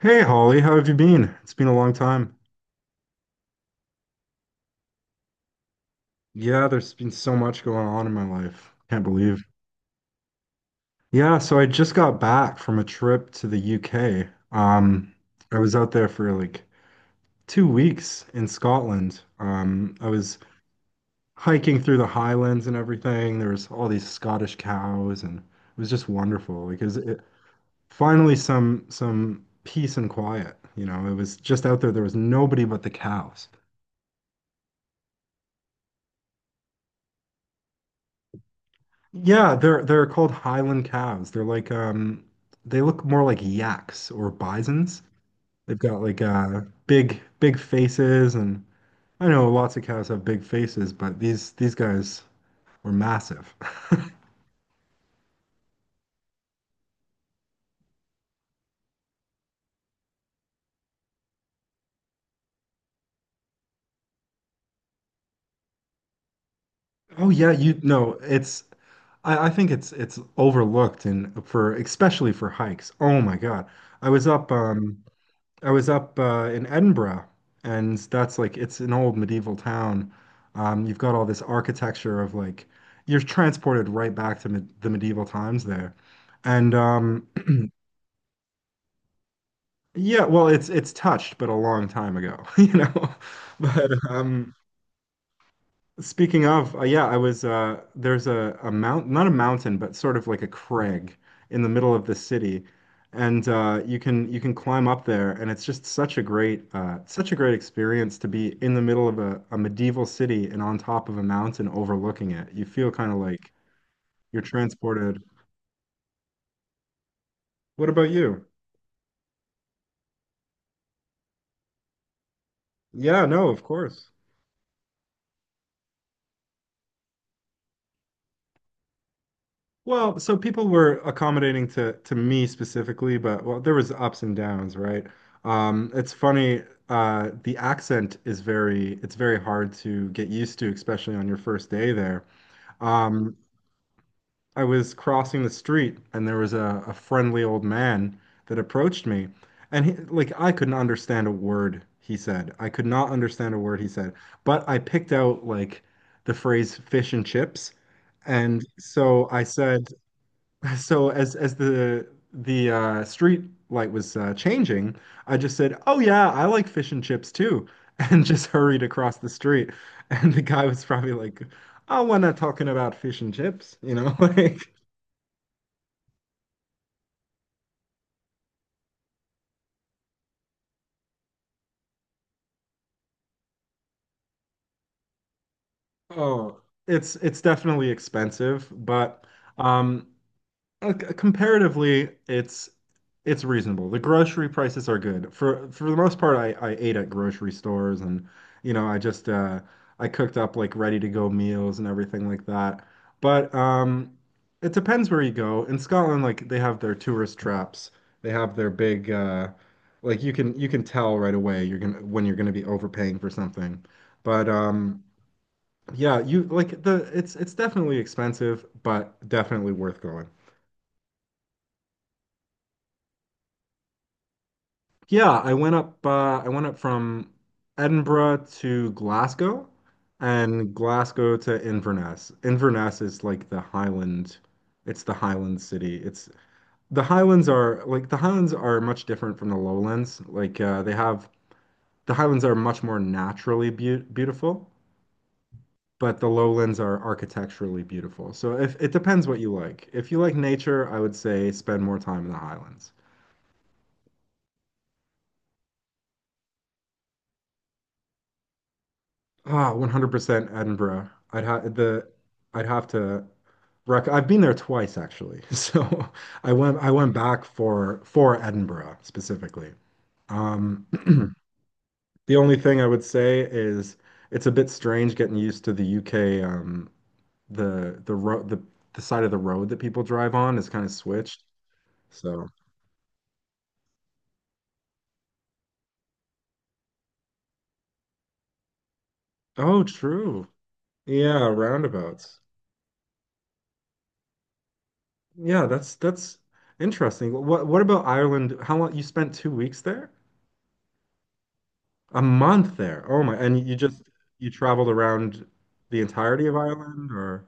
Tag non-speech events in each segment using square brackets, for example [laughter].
Hey Holly, how have you been? It's been a long time. Yeah, there's been so much going on in my life. Can't believe. Yeah, so I just got back from a trip to the UK. I was out there for like 2 weeks in Scotland. I was hiking through the Highlands and everything. There was all these Scottish cows, and it was just wonderful because it finally some peace and quiet. You know, it was just out there. There was nobody but the cows. Yeah, they're called Highland cows. They're like they look more like yaks or bisons. They've got like big faces, and I know lots of cows have big faces, but these guys were massive. [laughs] Oh yeah, you no, I think it's overlooked and for especially for hikes. Oh my God. I was up um I was up in Edinburgh, and that's like it's an old medieval town. You've got all this architecture of like you're transported right back to med the medieval times there, and yeah, well, it's touched, but a long time ago, [laughs] you know. But Speaking of, yeah, I was there's a mount not a mountain, but sort of like a crag in the middle of the city. And you can climb up there, and it's just such a great experience to be in the middle of a medieval city and on top of a mountain overlooking it. You feel kind of like you're transported. What about you? Yeah, no, of course. Well, so people were accommodating to me specifically, but well, there was ups and downs, right? It's funny, the accent is very it's very hard to get used to, especially on your first day there. Um, I was crossing the street, and there was a friendly old man that approached me, and he, like I couldn't understand a word he said. I could not understand a word he said, but I picked out like the phrase fish and chips. And so I said, so as the street light was changing, I just said, "Oh yeah, I like fish and chips too," [laughs] and just hurried across the street. And the guy was probably like, "Oh, we're not talking about fish and chips," you know, [laughs] like, oh, it's definitely expensive, but um, comparatively, it's reasonable. The grocery prices are good. For the most part, I ate at grocery stores, and you know, I cooked up like ready to go meals and everything like that. But It depends where you go. In Scotland, like they have their tourist traps. They have their big like you can tell right away you're gonna when you're gonna be overpaying for something. But yeah, you like the it's definitely expensive, but definitely worth going. Yeah, I went up from Edinburgh to Glasgow, and Glasgow to Inverness. Inverness is like the Highland, it's the Highland city. It's the Highlands are much different from the Lowlands. Like they have the Highlands are much more naturally be beautiful, but the Lowlands are architecturally beautiful. So if it depends what you like. If you like nature, I would say spend more time in the Highlands. Ah, 100% Edinburgh. I'd have to rec I've been there twice actually. [laughs] So I went back for Edinburgh specifically. Um [clears throat] the only thing I would say is it's a bit strange getting used to the UK the the road the the side of the road that people drive on is kind of switched. So oh true. Yeah, roundabouts. Yeah, that's interesting. What about Ireland? How long you spent 2 weeks there? A month there. Oh my. And you just you traveled around the entirety of Ireland or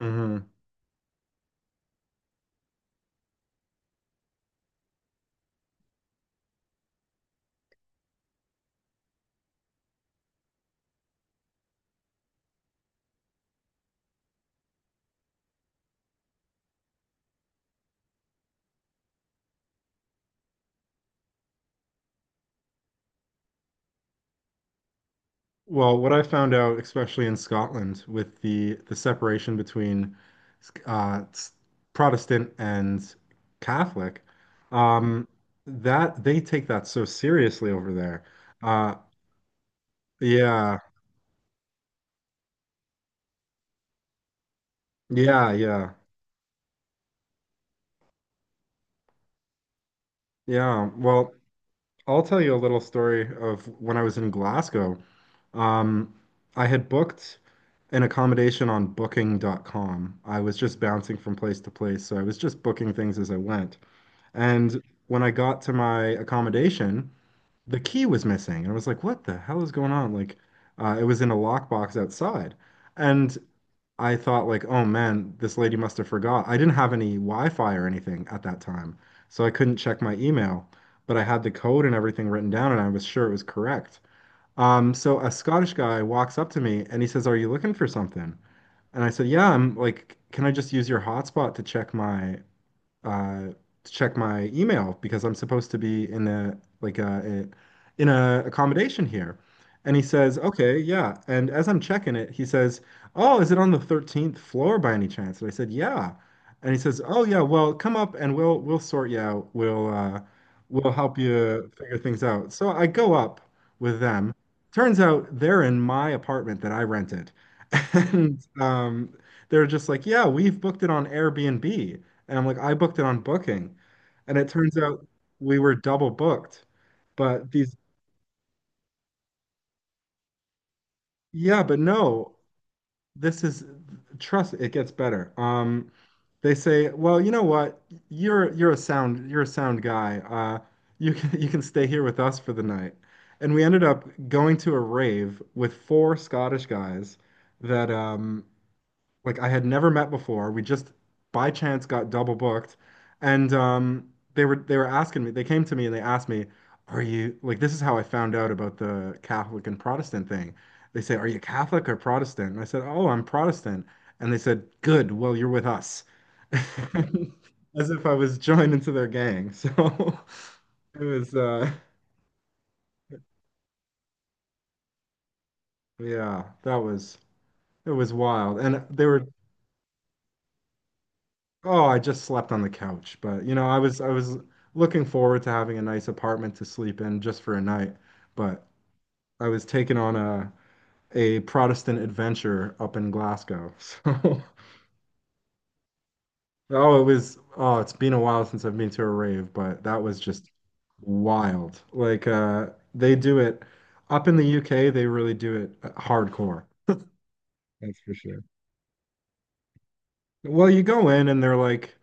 hmm. Well, what I found out, especially in Scotland, with the separation between uh, s- Protestant and Catholic, um, that they take that so seriously over there. Uh, yeah, yeah, yeah, yeah. Well, I'll tell you a little story of when I was in Glasgow. Um, I had booked. An accommodation on booking.com. I was just bouncing from place to place, so I was just booking things as I went. And when I got to my accommodation, the key was missing. And I was like, what the hell is going on? Like, it was in a lockbox outside. And I thought like, oh man, this lady must have forgot. I didn't have any Wi-Fi or anything at that time, so I couldn't check my email, but I had the code and everything written down, and I was sure it was correct. So a Scottish guy walks up to me and he says, "Are you looking for something?" And I said, "Yeah, I'm like, can I just use your hotspot uh, to check my email because I'm supposed to be in a like a in a accommodation here. And he says, "Okay, yeah." And as I'm checking it, he says, "Oh, is it on the 13th floor by any chance?" And I said, "Yeah." And he says, "Oh, yeah. Well, come up and we'll sort you out. We'll help you figure things out." So I go up with them. Turns out they're in my apartment that I rented, [laughs] and they're just like, "Yeah, we've booked it on Airbnb." And I'm like, I booked it on Booking. And it turns out we were double booked. But these, yeah, but no, this is, trust, it gets better. They say, well, you know what? You're a sound guy. You can stay here with us for the night. And we ended up going to a rave with 4 Scottish guys that like I had never met before. We just by chance got double booked, and they were asking me. They came to me and they asked me, "Are you like this is how I found out about the Catholic and Protestant thing?" They say, "Are you Catholic or Protestant?" And I said, "Oh, I'm Protestant." And they said, "Good. Well, you're with us," [laughs] as if I was joined into their gang. So [laughs] it was, uh, yeah, that was it was wild, and they were Oh, I just slept on the couch, but you know, I was looking forward to having a nice apartment to sleep in just for a night, but I was taken on a Protestant adventure up in Glasgow. [laughs] So, oh, it was oh, it's been a while since I've been to a rave, but that was just wild. Like they do it up in the UK, they really do it hardcore. That's for sure. Well, you go in and they're like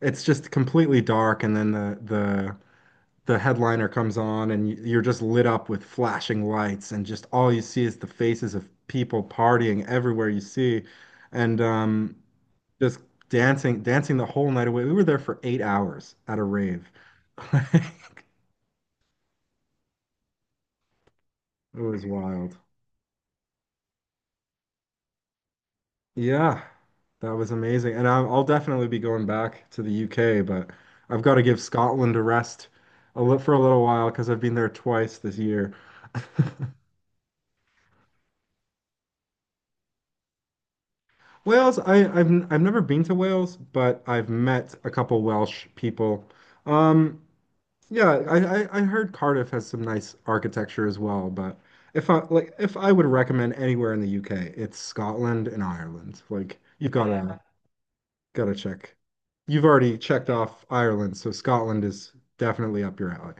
it's just completely dark, and then the headliner comes on and you're just lit up with flashing lights, and just all you see is the faces of people partying everywhere you see, and just dancing the whole night away. We were there for 8 hours at a rave. [laughs] Like, it was wild. Yeah, that was amazing. And I'll definitely be going back to the UK, but I've got to give Scotland a rest for a little while because I've been there twice this year. Wales, I've never been to Wales, but I've met a couple Welsh people. Um, yeah, I heard Cardiff has some nice architecture as well, but if I would recommend anywhere in the UK, it's Scotland and Ireland. Like you've gotta Yeah. gotta check. You've already checked off Ireland, so Scotland is definitely up your alley.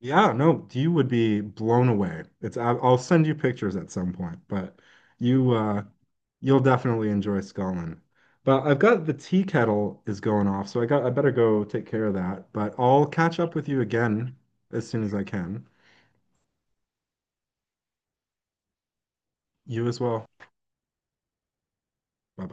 Yeah, no, you would be blown away. It's I'll send you pictures at some point, but you uh you'll definitely enjoy Scotland. But I've got the tea kettle is going off, so I better go take care of that. But I'll catch up with you again as soon as I can. You as well. Bye.